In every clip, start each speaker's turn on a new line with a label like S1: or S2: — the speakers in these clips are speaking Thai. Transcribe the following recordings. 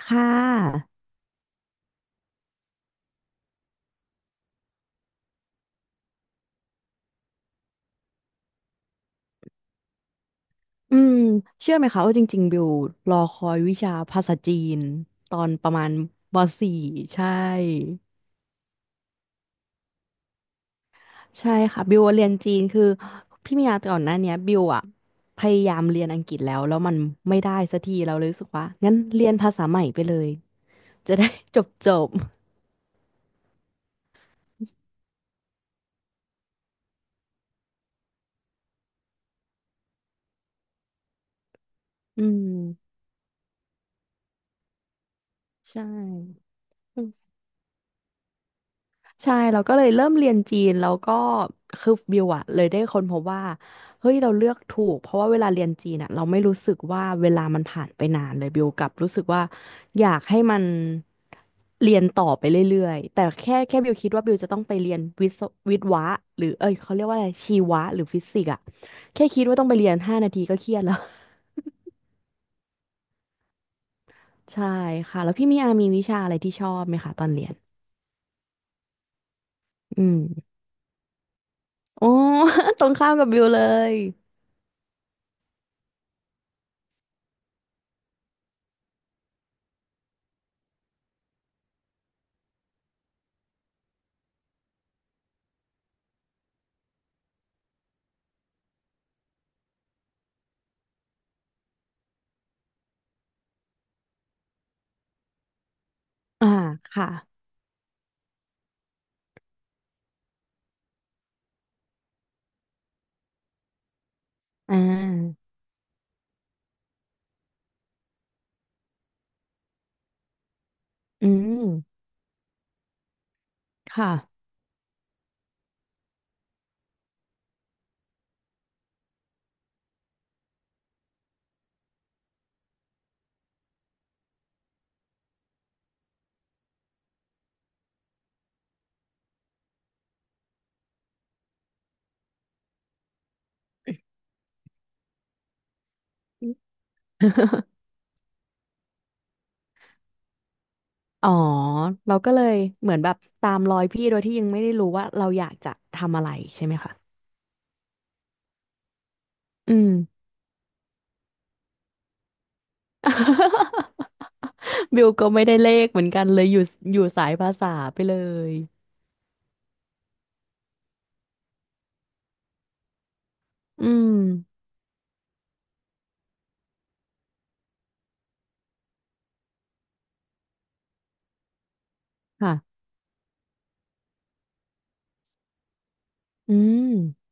S1: ค่ะ อืมเชื่อไหมคะว่าจริงๆบิวรอคอยวิชาภาษาจีนตอนประมาณม .4 ใช่ใช่ค่ะบิวเรียนจีนคือพี่มียาก่อนหน้าเนี้ยบิวอะพยายามเรียนอังกฤษแล้วมันไม่ได้สักทีเราเลยรู้สึกว่างั้นเรียนภาษาใหม่ไปเลยจะได้ จบจบอืมใช่ ใช่เราก็เลยเริ่มเรียนจีนแล้วก็คือบิวอะเลยได้ค้นพบว่าเฮ้ยเราเลือกถูกเพราะว่าเวลาเรียนจีนอะเราไม่รู้สึกว่าเวลามันผ่านไปนานเลยบิวกลับรู้สึกว่าอยากให้มันเรียนต่อไปเรื่อยๆแต่แค่บิวคิดว่าบิวจะต้องไปเรียนวิศวะหรือเอ้ยเขาเรียกว่าอะไรชีวะหรือฟิสิกส์อะแค่คิดว่าต้องไปเรียนห้านาทีก็เครียดแล้ว ใช่ค่ะแล้วพี่มีอามีวิชาอะไรที่ชอบไหมคะตอนเรียนอืมโอ้ ตรงข้ามกับบิวเลยอ่าค่ะ อ่าอืมค่ะ อ๋อ เราก็เลยเหมือนแบบตามรอยพี่โดยที่ยังไม่ได้รู้ว่าเราอยากจะทำอะไรใช่ไหมคะอืม บิวก็ไม่ได้เลขเหมือนกันเลยอยู่สายภาษาไปเลยอืมค่ะอืม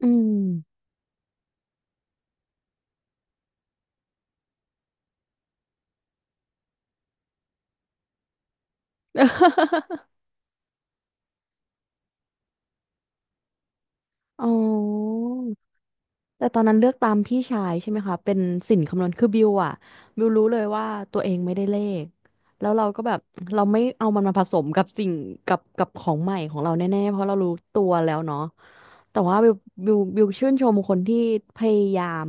S1: อืม อ๋อ แต่ตอนนั้นเลือกตามพี่ชายใช่ไหมคะเป็นสินคำนวณคือบิวอะบิวรู้เลยว่าตัวเองไม่ได้เลขแล้วเราก็แบบเราไม่เอามันมาผสมกับสิ่งกับของใหม่ของเราแน่ๆเพราะเรารู้ตัวแล้วเนาะแต่ว่าบิวชื่นชมคนที่พยายาม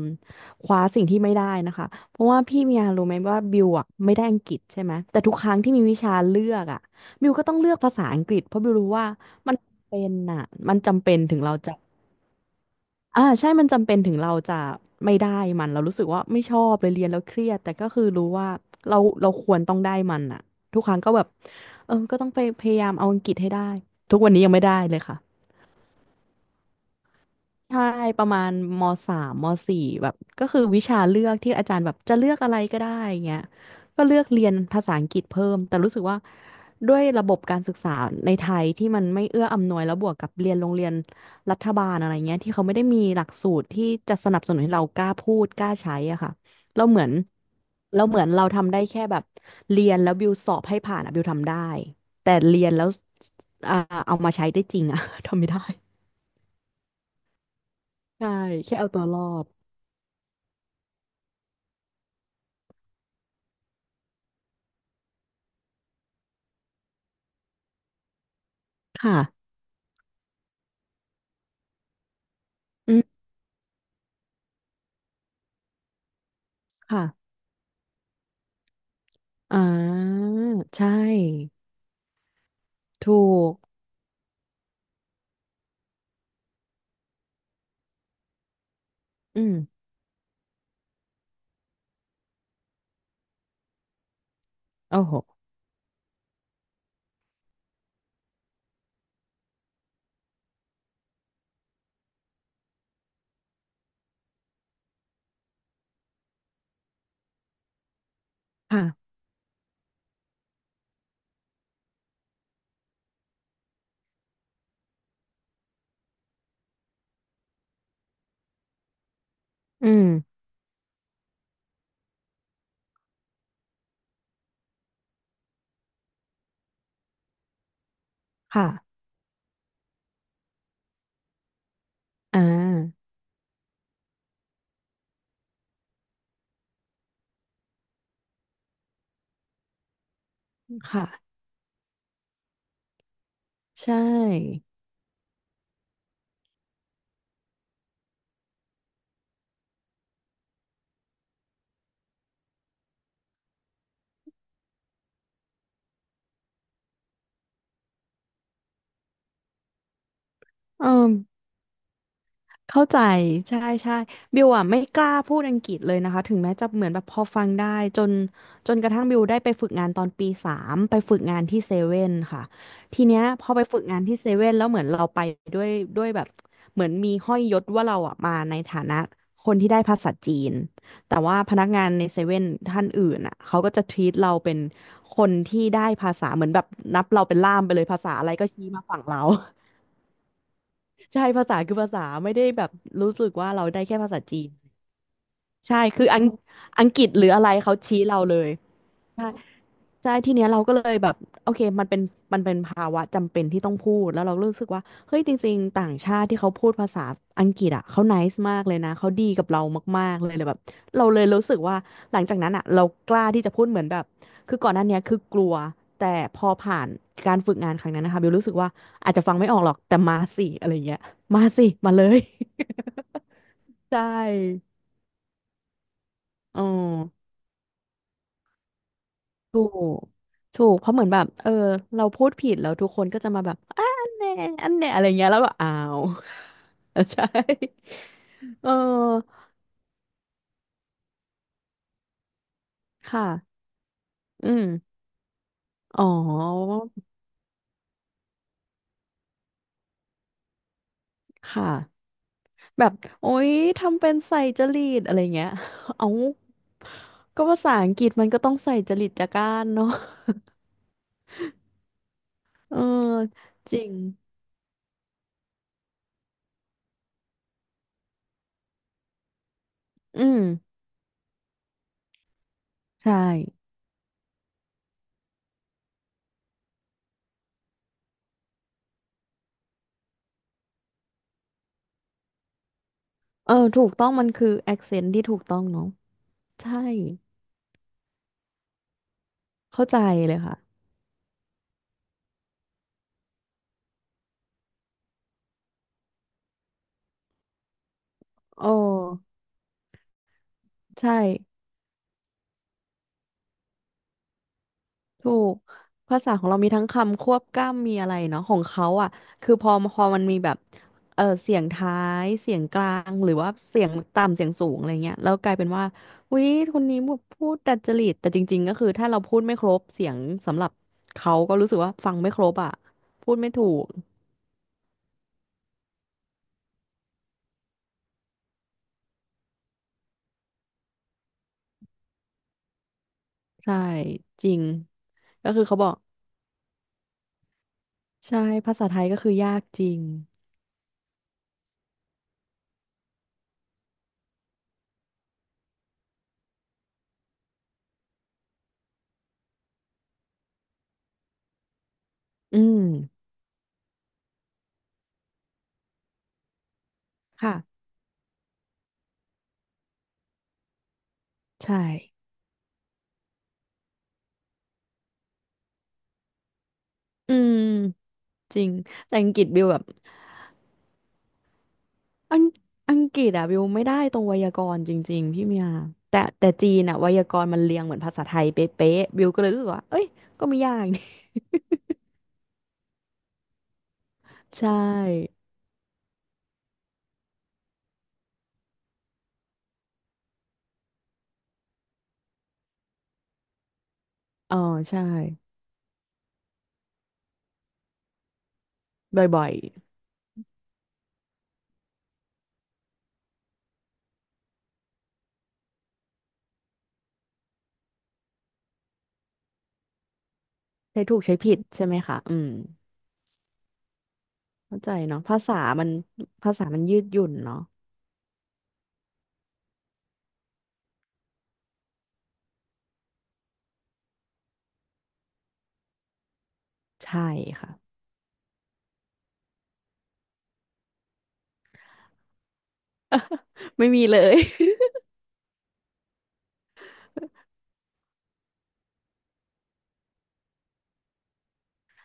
S1: คว้าสิ่งที่ไม่ได้นะคะเพราะว่าพี่มียารู้ไหมว่าบิวอะไม่ได้อังกฤษใช่ไหมแต่ทุกครั้งที่มีวิชาเลือกอะบิวก็ต้องเลือกภาษาอังกฤษเพราะบิวรู้ว่ามันเป็นอะมันจำเป็นถึงเราจะ อ่าใช่มันจำเป็นถึงเราจะไม่ได้มันเรารู้สึกว่าไม่ชอบเลยเรียนแล้วเครียดแต่ก็คือรู้ว่าเราควรต้องได้มันอะทุกครั้งก็แบบเออก็ต้องไปพยายามเอาอังกฤษให้ได้ทุกวันนี้ยังไม่ได้เลยค่ะ ใช่ประมาณมสามมสี่แบบก็คือวิชาเลือกที่อาจารย์แบบจะเลือกอะไรก็ได้เงี้ยก็เลือกเรียนภาษาอังกฤษเพิ่มแต่รู้สึกว่าด้วยระบบการศึกษาในไทยที่มันไม่เอื้ออำนวยแล้วบวกกับเรียนโรงเรียนรัฐบาลอะไรเงี้ยที่เขาไม่ได้มีหลักสูตรที่จะสนับสนุนให้เรากล้าพูดกล้าใช้อะค่ะเราเหมือนเราเหมือนเราทำได้แค่แบบเรียนแล้วบิวสอบให้ผ่านอะบิวทำได้แต่เรียนแล้วอ่าเอามาใช้ได้จริงอะ ทำไม่ได้ใช่แค่เอาตัวรอด ค่ะ อืมค่ะอ่าใช่ ถูก อืมโอ้โหค่ะ อืมค่ะอ่าค่ะ ใช่เออ เข้าใจใช่ใช่บิวอ่ะไม่กล้าพูดอังกฤษเลยนะคะถึงแม้จะเหมือนแบบพอฟังได้จนจนกระทั่งบิวได้ไปฝึกงานตอนปีสามไปฝึกงานที่เซเว่นค่ะทีเนี้ยพอไปฝึกงานที่เซเว่นแล้วเหมือนเราไปด้วยด้วยแบบเหมือนมีห้อยยศว่าเราอ่ะมาในฐานะคนที่ได้ภาษาจีนแต่ว่าพนักงานในเซเว่นท่านอื่นอ่ะเขาก็จะทรีตเราเป็นคนที่ได้ภาษาเหมือนแบบนับเราเป็นล่ามไปเลยภาษาอะไรก็ชี้มาฝั่งเรา ใช่ภาษาคือภาษาไม่ได้แบบรู้สึกว่าเราได้แค่ภาษาจีนใช่คืออังอังกฤษหรืออะไรเขาชี้เราเลยใช่ ใช่ทีเนี้ยเราก็เลยแบบโอเคมันเป็นภาวะจำเป็นที่ต้องพูดแล้วเรารู้สึกว่าเฮ้ยจริงๆต่างชาติที่เขาพูดภาษาอังกฤษอ่ะเขา n น c e มากเลยนะเขาดีกับเรามากๆเลยแบบเราเลยรู้สึกว่าหลังจากนั้นอ่ะเรากล้าที่จะพูดเหมือนแบบคือก่อนหน้าเนี้ยคือกลัวแต่พอผ่านการฝึกงานครั้งนั้นนะคะบิวรู้สึกว่าอาจจะฟังไม่ออกหรอกแต่มาสิอะไรเงี้ยมาสิมาเลย ใช่อ๋อ ถูกถูก เพราะเหมือนแบบเออเราพูดผิดแล้วทุกคนก็จะมาแบบอะอันเน่อะไรเงี้ย แล้วแบบอ้าว เออใช่ เออ ค่ะ อืม อ๋อค่ะ แบบ โอ๊ย ทำเป็นใส่จริตอะไรเงี้ย เอาก็ภาษาอังกฤษมันก็ต้องใส่จริตจาก้านเนาะ เออ จริง อืม ใช่ เออ ถูกต้องมันคือ accent ที่ถูกต้องเนาะใช่ เข้าใจเลยค่ะโอ้ ใช่ถูกภาษาของเรามีทั้งคำควบกล้ำมีอะไรเนาะของเขาอ่ะคือพอมันมีแบบเออเสียงท้ายเสียงกลางหรือว่าเสียงต่ำเสียงสูงอะไรเงี้ยแล้วกลายเป็นว่าอุ๊ยคนนี้แบบพูดดัดจริตแต่จริงๆก็คือถ้าเราพูดไม่ครบเสียงสำหรับเขาก็รู้สึกว่าฟังไม่ครบอ่ะพูดไม่ถูกใช่จริงก็คือเขาบอกใช่ภาษาไทยก็คือยากจริงอืมค่ะใช่อืมจริงแต่อังกฤษบิวแบบ อังอังกฤษอะวิวไม่ได้ตรงไวยากรณ์จริงๆพี่เมียแต่จีนอะไวยากรณ์มันเรียงเหมือนภาษาไทยเป๊ะๆวิวก็เลยรู้สึกว่าเอ้ยก็ไม่ยาก นี่ ใช่อ๋อใช่บ่อยๆใช้ถูกใช้ผิดใช่ไหมคะอืมเข้าใจเนาะมันภาษามันยืดหยุ่นเนาะใช่ค่ะ ไม่มีเลย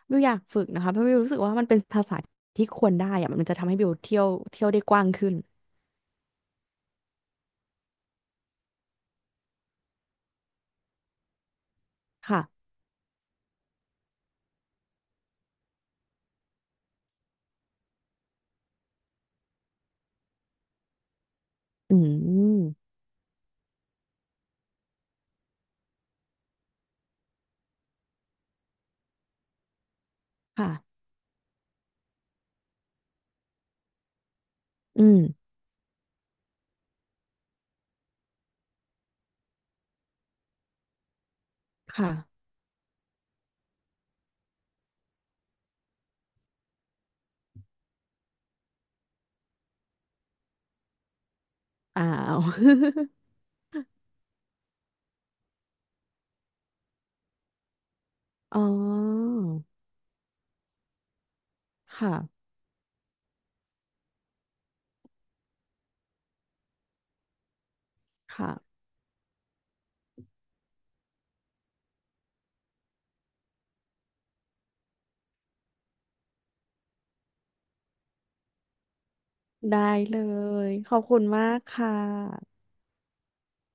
S1: วิวอยากฝึกนะคะเพราะวิวรู้สึกว่ามันเป็นภาษาที่ควรได้อะมันจะทำให้วิวเที่ยวได้กว้างขึ้นค่ะอืมค่ะอืมค่ะอ้าว อ๋อ ค่ะ ค่ะ ได้เลย ขอบคุณมากค่ะ